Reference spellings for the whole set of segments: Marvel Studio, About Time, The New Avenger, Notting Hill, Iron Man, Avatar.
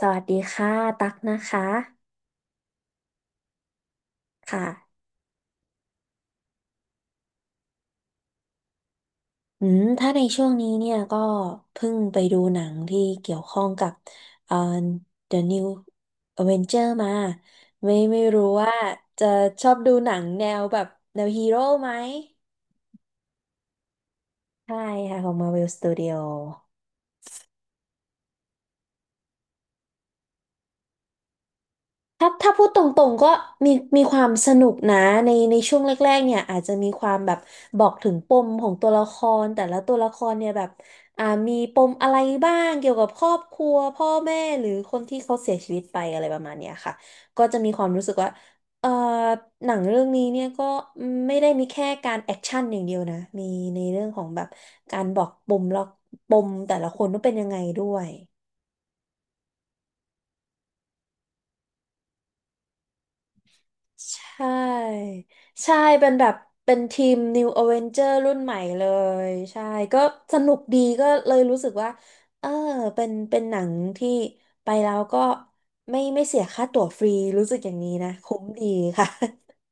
สวัสดีค่ะตักนะคะค่ะอืมถ้าในช่วงนี้เนี่ยก็เพิ่งไปดูหนังที่เกี่ยวข้องกับเอ่อ The New Avenger มาไม่รู้ว่าจะชอบดูหนังแนวแบบแนวฮีโร่ไหมใช่ค่ะของ Marvel Studio ถ้าพูดตรงๆก็มีมีความสนุกนะในช่วงแรกๆเนี่ยอาจจะมีความแบบบอกถึงปมของตัวละครแต่ละตัวละครเนี่ยแบบมีปมอะไรบ้างเกี่ยวกับครอบครัวพ่อแม่หรือคนที่เขาเสียชีวิตไปอะไรประมาณเนี้ยค่ะก็จะมีความรู้สึกว่าเอ่อหนังเรื่องนี้เนี่ยก็ไม่ได้มีแค่การแอคชั่นอย่างเดียวนะมีในเรื่องของแบบการบอกปมแล้วปมแต่ละคนว่าเป็นยังไงด้วย ใช่ใช่เป็นแบบเป็นทีม New Avenger รุ่นใหม่เลยใช่ก็สนุกดีก็เลยรู้สึกว่าเออเป็นหนังที่ไปแล้วก็ไม่เสียค่าตั๋วฟรีรู้สึกอย่างนี้นะคุ้มดีค่ะ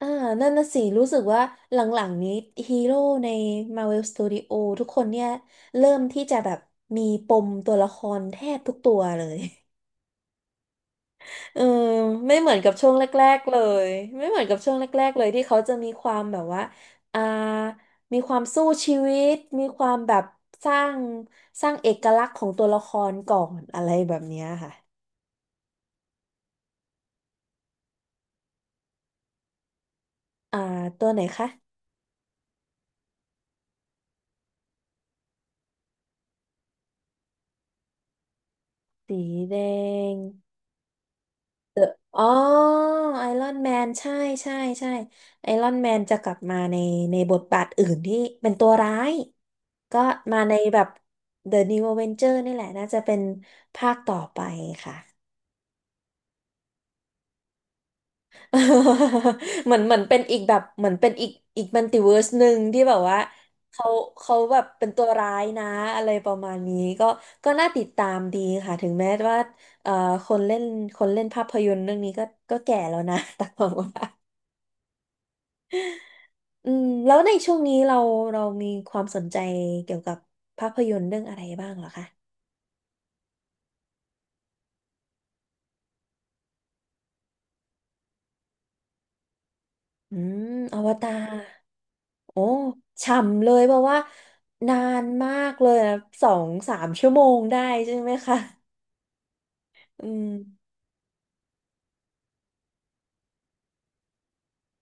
อ่านั่นน่ะสิรู้สึกว่าหลังๆนี้ฮีโร่ใน Marvel Studio ทุกคนเนี่ยเริ่มที่จะแบบมีปมตัวละครแทบทุกตัวเลย เออไม่เหมือนกับช่วงแรกๆเลยไม่เหมือนกับช่วงแรกๆเลยที่เขาจะมีความแบบว่าอ่ามีความสู้ชีวิตมีความแบบสร้างสร้างเอกลักษณ์ของตัวละครก่อนอะไรแบบเนี้ยค่ะอ่าตัวไหนคะสีแดงเดอะอ๋อไอรอนแมนใช่ใช่ใช่ไอรอนแมนจะกลับมาในบทบาทอื่นที่เป็นตัวร้ายก็มาในแบบ The New Avenger นี่แหละน่าจะเป็นภาคต่อไปค่ะ เหมือนเป็นอีกแบบเหมือนเป็นอีกอีกมัลติเวิร์สหนึ่งที่แบบว่าเขาเขาแบบเป็นตัวร้ายนะอะไรประมาณนี้ก็ก็น่าติดตามดีค่ะถึงแม้ว่าเอ่อคนเล่นคนเล่นภาพยนตร์เรื่องนี้ก็ก็แก่แล้วนะ แต่ผมว่าอืมแล้วในช่วงนี้เรามีความสนใจเกี่ยวกับภาพยนตร์เรื่องอะไรบ้างเหรอคะอืมอวตารโอ้ฉ่ำเลยเพราะว่านานมากเลยนะสองสามชั่วโมงได้ใช่ไหมคะ อืม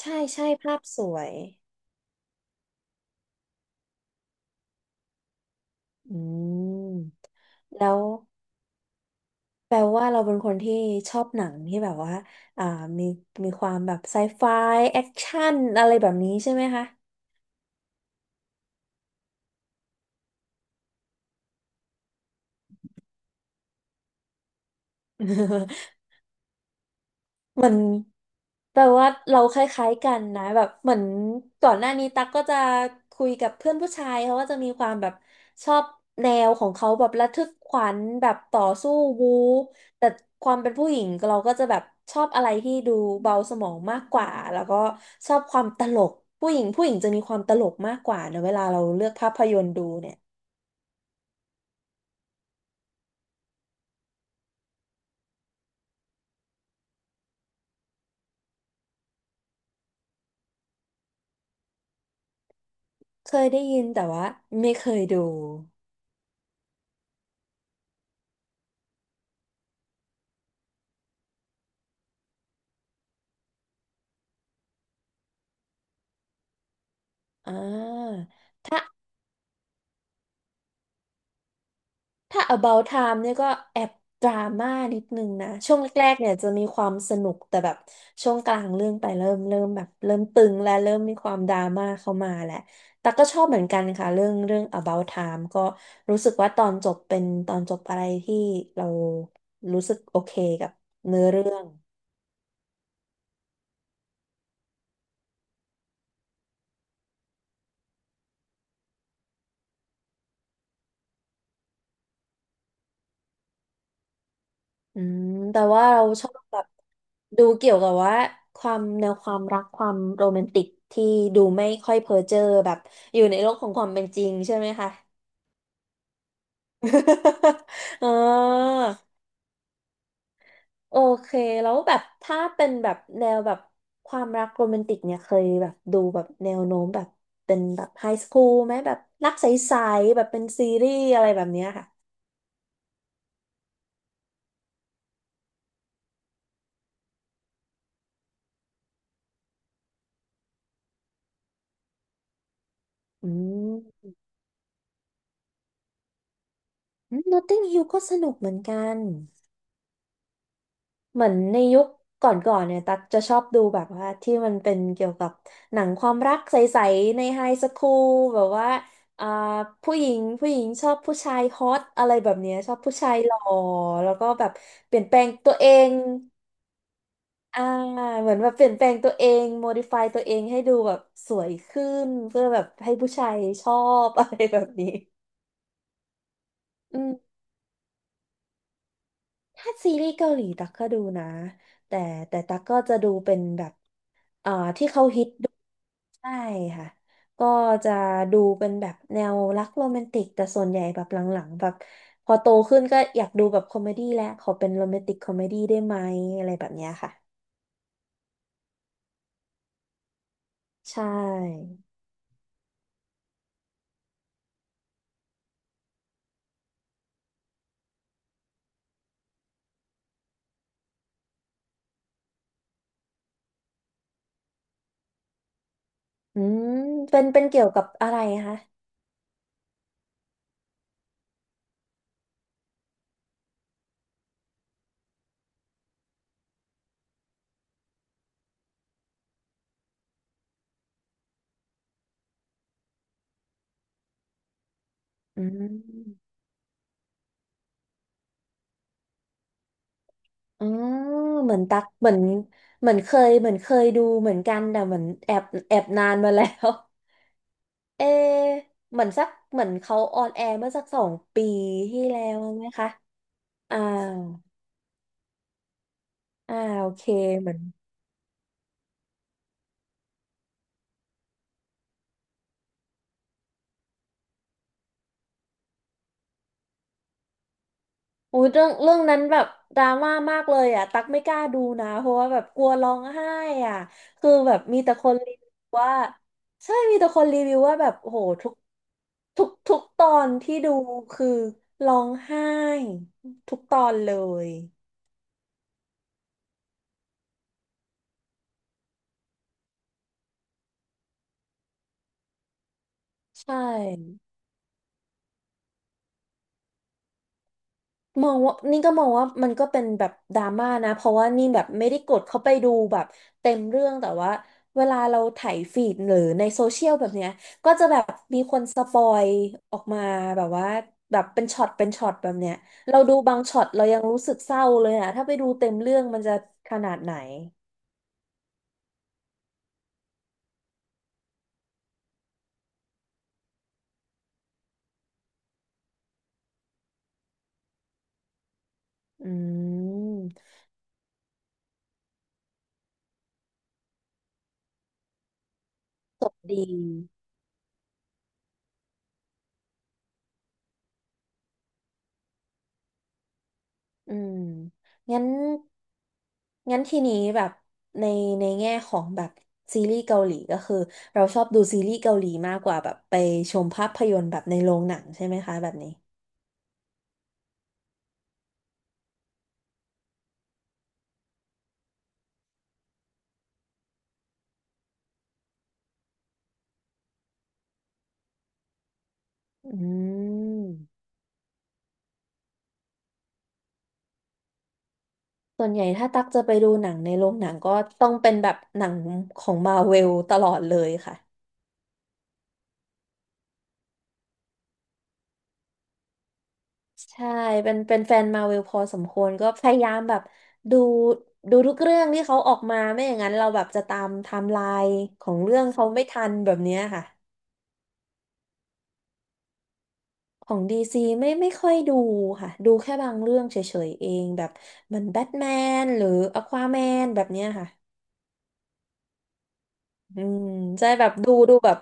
ใช่ใช่ภาพสวยอืมแล้วแปลว่าเราเป็นคนที่ชอบหนังที่แบบว่าอ่ามีมีความแบบไซไฟแอคชั่นอะไรแบบนี้ใช่ไหมคะ เหมือนแปลว่าเราคล้ายๆกันนะแบบเหมือนก่อนหน้านี้ตั๊กก็จะคุยกับเพื่อนผู้ชายเขาก็จะมีความแบบชอบแนวของเขาแบบระทึกขวัญแบบต่อสู้บู๊แต่ความเป็นผู้หญิงเราก็จะแบบชอบอะไรที่ดูเบาสมองมากกว่าแล้วก็ชอบความตลกผู้หญิงผู้หญิงจะมีความตลกมากกว่านะเวลาเราเลือกภาพยนตร์ดูเนี่ยเคยได้ยินแต่ว่าไม่เคยดูอ่า ถ้า About Time เนี่ยก็แอบดราม่านิดนึงนะช่วงแรกๆเนี่ยจะมีความสนุกแต่แบบช่วงกลางเรื่องไปเริ่มแบบเริ่มตึงและเริ่มมีความดราม่าเข้ามาแหละแต่ก็ชอบเหมือนกันค่ะเรื่อง About Time ก็รู้สึกว่าตอนจบเป็นตอนจบอะไรที่เรารู้สึกโอเคกับเนื้อเรื่องอืมแต่ว่าเราชอบแบบดูเกี่ยวกับว่าความแนวความรักความโรแมนติกที่ดูไม่ค่อยเพ้อเจ้อแบบอยู่ในโลกของความเป็นจริงใช่ไหมคะ อ๋อโอเคแล้วแบบถ้าเป็นแบบแนวแบบความรักโรแมนติกเนี่ยเคยแบบดูแบบแนวโน้มแบบเป็นแบบไฮสคูลไหมแบบรักใสๆแบบเป็นซีรีส์อะไรแบบเนี้ยค่ะอืมนอตติงฮิลก็สนุกเหมือนกัน เหมือนในยุคก่อนๆเนี่ยตักจะชอบดูแบบว่าที่มันเป็นเกี่ยวกับหนังความรักใสๆในไฮสคูลแบบว่าอ่าผู้หญิงผู้หญิงชอบผู้ชายฮอตอะไรแบบเนี้ยชอบผู้ชายหล่อแล้วก็แบบเปลี่ยนแปลงตัวเองอ่าเหมือนแบบเปลี่ยนแปลงตัวเองโมดิฟายตัวเองให้ดูแบบสวยขึ้นเพื่อแบบให้ผู้ชายชอบ อะไรแบบนี้อืมถ้าซีรีส์เกาหลีตักก็ดูนะแต่แต่ตักก็จะดูเป็นแบบอ่าที่เขาฮิต ใช่ค่ะ ก็จะดูเป็นแบบแนวรักโรแมนติกแต่ส่วนใหญ่แบบหลังๆแบบพอโตขึ้นก็อยากดูแบบคอมเมดี้แล้วขอเป็นโรแมนติกคอมเมดี้ได้ไหมอะไรแบบเนี้ยค่ะใช่ อืมเป็นเกี่ยวกับอะไรคะอืมอ๋อเหมือนตักเหมือนเหมือนเคยเคยดูเหมือนกันแต่เหมือนแอบนานมาแล้ว เอเหมือนสักเหมือนเขาออนแอร์เมื่อสัก2 ปีที่แล้วไหมคะอ่า อ่าโอเคเหมือนโอ้ยเรื่องนั้นแบบดราม่ามากเลยอ่ะตักไม่กล้าดูนะเพราะว่าแบบกลัวร้องไห้อ่ะคือแบบมีแต่คนรีวิวว่าใช่มีแต่คนรีวิวว่าแบบโอ้โหทุกทุกตอนที่ดูคือร้องไห้ทุกตอนเลยใช่ มองว่านี่ก็มองว่ามันก็เป็นแบบดราม่านะเพราะว่านี่แบบไม่ได้กดเข้าไปดูแบบเต็มเรื่องแต่ว่าเวลาเราไถายฟีดหรือในโซเชียลแบบเนี้ยก็จะแบบมีคนสปอยออกมาแบบว่าแบบเป็นช็อตเป็นช็อตแบบเนี้ยเราดูบางช็อตเรายังรู้สึกเศร้าเลยอะถ้าไปดูเต็มเรื่องมันจะขนาดไหนอืมจบดี อืมงั้นงั้นทีนี้แบบในในแง่ของแบบซีรีส์เกาหลีก็คือเราชอบดูซีรีส์เกาหลีมากกว่าแบบไปชมภาพยนตร์แบบในโรงหนังใช่ไหมคะแบบนี้อืมส่วนใหญ่ถ้าตักจะไปดูหนังในโรงหนังก็ต้องเป็นแบบหนังของมาเวลตลอดเลยค่ะใช่ เป็นแฟนมาเวลพอสมควรก็พยายามแบบดูดูทุกเรื่องที่เขาออกมาไม่อย่างนั้นเราแบบจะตามไทม์ไลน์ของเรื่องเขาไม่ทันแบบเนี้ยค่ะ ของดีซีไม่ค่อยดูค่ะดูแค่บางเรื่องเฉยๆเองแบบเหมันแบทแมนหรืออควาแมนแบบเนี้ยค่ะอืมใช่แบบดูแบบ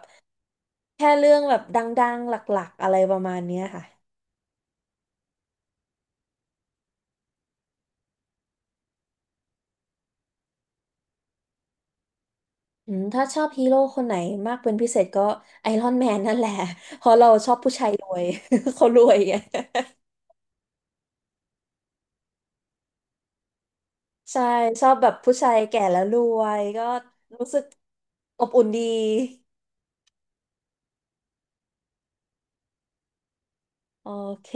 แค่เรื่องแบบดังๆหลักๆอะไรประมาณเนี้ยค่ะอืมถ้าชอบฮีโร่คนไหนมากเป็นพิเศษก็ไอรอนแมนนั่นแหละ เพราะเราชอบผู้ชายรวย เขารวยไง ใช่ชอบแบบผู้ชายแก่แล้วรวยก็รู้สึกอบอุ่นดีโอเค